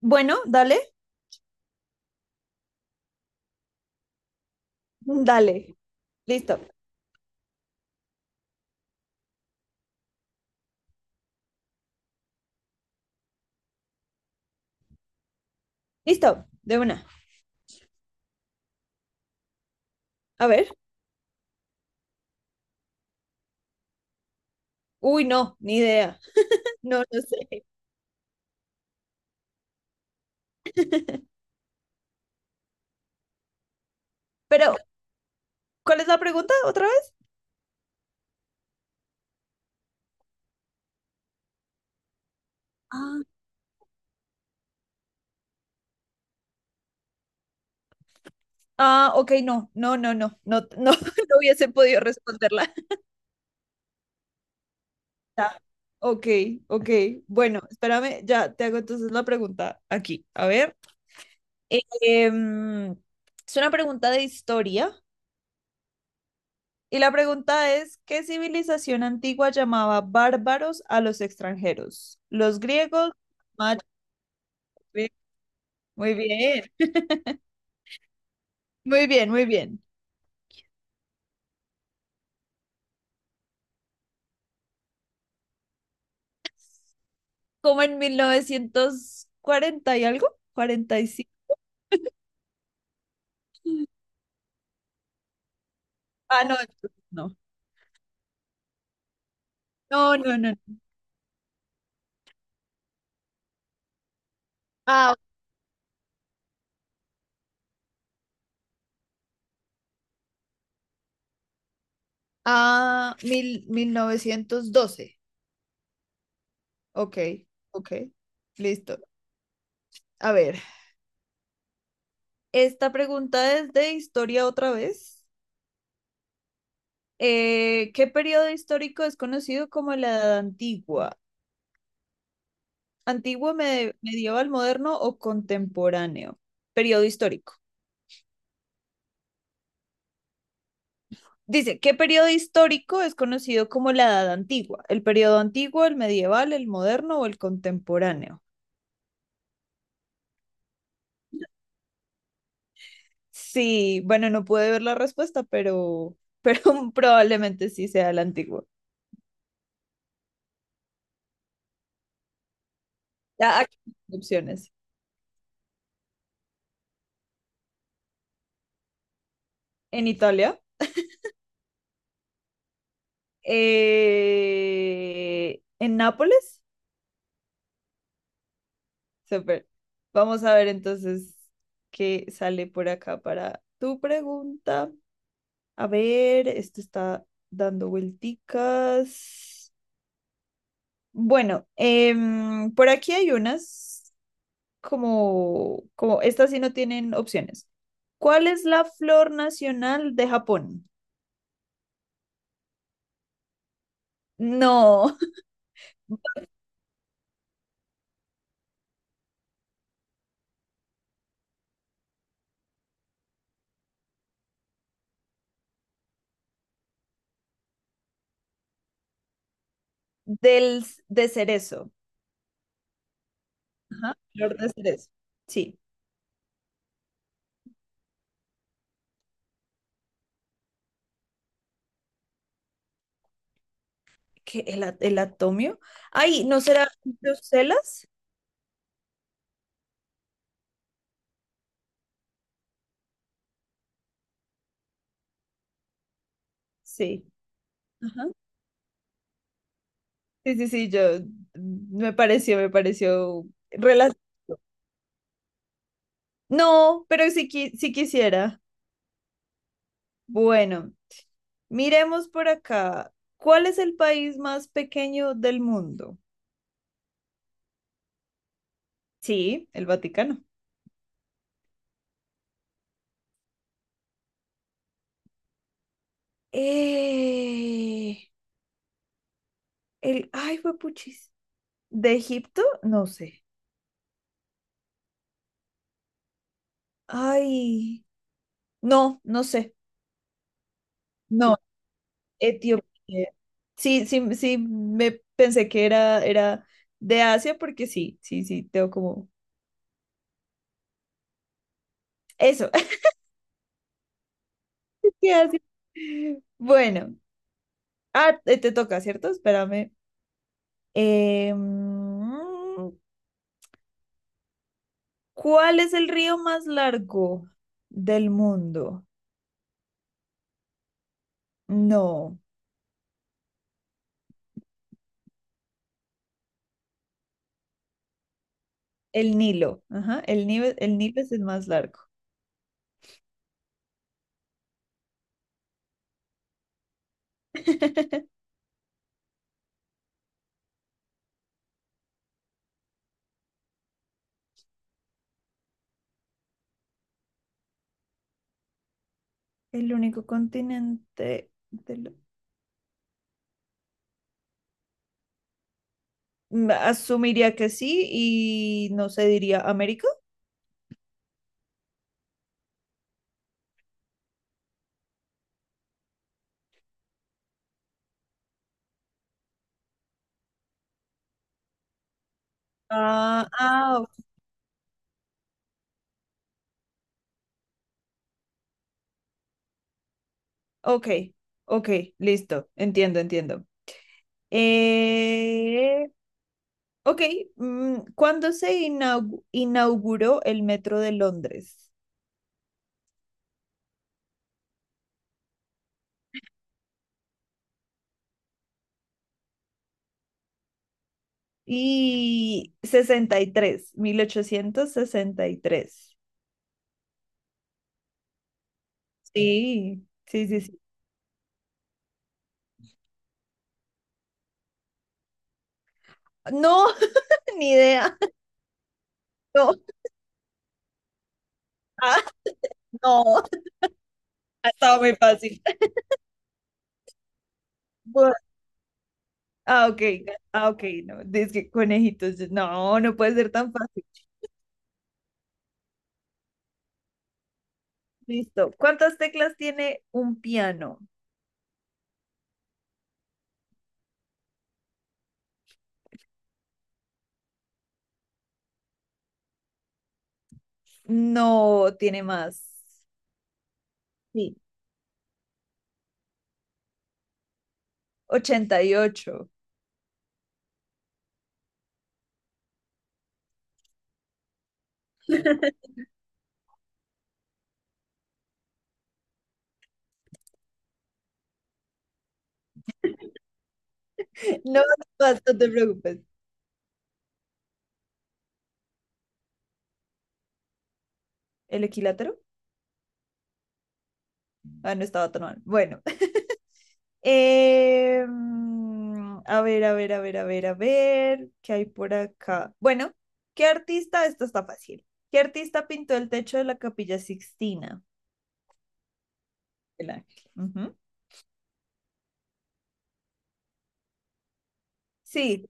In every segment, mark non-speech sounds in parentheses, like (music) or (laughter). Bueno, dale, dale. Listo, listo, de una. A ver. Uy, no, ni idea. (laughs) No, no sé. Pero, ¿cuál es la pregunta otra vez? Ah, ah, ok, no, no, no, no, no, no, (laughs) no hubiese podido responderla. (laughs) Ya. Ok, ok. Bueno, espérame, ya te hago entonces la pregunta aquí. A ver. Em, es una pregunta de historia. Y la pregunta es, ¿qué civilización antigua llamaba bárbaros a los extranjeros? ¿Los griegos? Bien. Muy bien, (laughs) muy bien, muy bien. Como en 1940 y algo, cuarenta y cinco. Ah, no, entonces no. No, no, no, no. Ah, ah, mil, 1912. Ok, ok, listo. A ver, esta pregunta es de historia otra vez. ¿Qué periodo histórico es conocido como la Edad Antigua? ¿Antiguo, medieval, moderno o contemporáneo? Periodo histórico. Dice, ¿qué periodo histórico es conocido como la Edad Antigua? ¿El periodo antiguo, el medieval, el moderno o el contemporáneo? Sí, bueno, no pude ver la respuesta, pero (laughs) probablemente sí sea el antiguo. Ya, aquí hay opciones. ¿En Italia? ¿En Nápoles? Súper. Vamos a ver entonces qué sale por acá para tu pregunta. A ver, esto está dando vuelticas. Bueno, por aquí hay unas como, como estas sí no tienen opciones. ¿Cuál es la flor nacional de Japón? No, (laughs) del de cerezo. Ajá, flor de cerezo. Sí, que el, el atomio. Ay, ¿no será Bruselas? Sí. Ajá. Sí, sí, sí, yo me pareció, rela- No, pero sí, sí quisiera. Bueno, miremos por acá. ¿Cuál es el país más pequeño del mundo? Sí, el Vaticano. Eh, el, ay, puchis. ¿De Egipto? No sé. Ay, no, no sé. No, Etiopía. Sí, sí, sí, me pensé que era, era de Asia porque sí, sí, sí, tengo como... Eso, (laughs) de Asia. Bueno, ah, te toca, ¿cierto? Espérame. Eh, ¿Cuál es el río más largo del mundo? No, el Nilo. Ajá, el Nilo es el más largo. (laughs) El único continente del... asumiría que sí y no se diría América. Ah, ah, ok, ok, listo, entiendo, entiendo. Eh, Ok, ¿cuándo se inauguró el metro de Londres? Y sesenta y tres, mil ochocientos sesenta y tres. Sí, sí, sí, sí. No, (laughs) ni idea. No, ah, no, (laughs) ha estado muy fácil. Bu- Ah, ok, ah, ok, no, es que conejitos, no, no puede ser tan fácil. Listo. ¿Cuántas teclas tiene un piano? No, tiene más. Sí, 88. (laughs) No, no, no te preocupes. ¿El equilátero? Ah, no estaba tan mal. Bueno, a ver, a ver, a ver, a ver, a ver. ¿Qué hay por acá? Bueno, ¿qué artista? Esto está fácil. ¿Qué artista pintó el techo de la Capilla Sixtina? El Ángel. Ujú. Sí.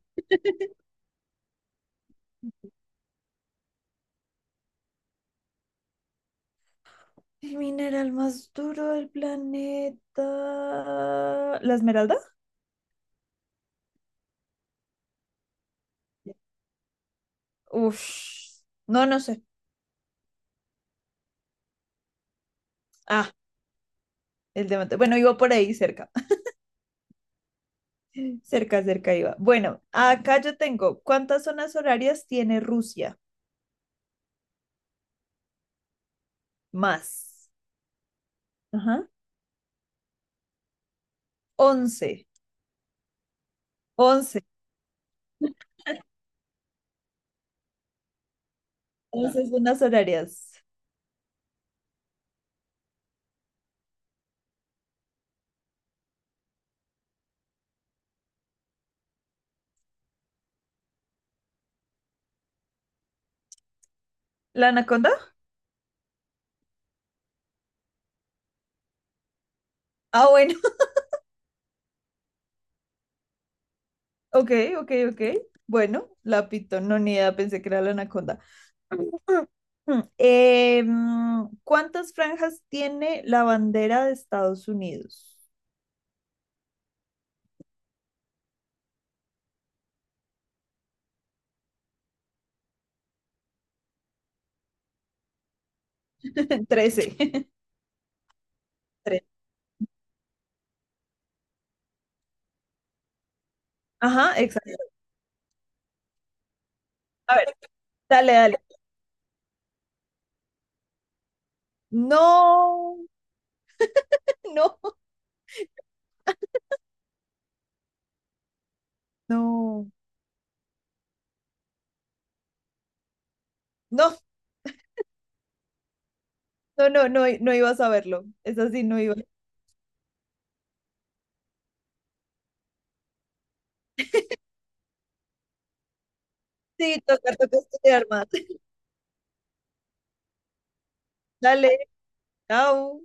El mineral más duro del planeta. ¿La esmeralda? Uf. No, no sé. Ah, el diamante. Bueno, iba por ahí cerca. Cerca, cerca iba. Bueno, acá yo tengo, ¿cuántas zonas horarias tiene Rusia? Más. Ajá. Once. 11. 11 zonas horarias. ¿La anaconda? Ah, bueno. (laughs) Ok, ok, ok. Bueno, la pitón, no ni idea, pensé que era la anaconda. (clears throat) (laughs) ¿Cuántas franjas tiene la bandera de Estados Unidos? (laughs) 13. (laughs) Tres. Ajá, exacto. A ver, dale, dale. No, (laughs) no, no. No, no, no, no, no iba a saberlo. Es así, no iba. Sí, tocar, toca estudiar más. (laughs) Dale, chao.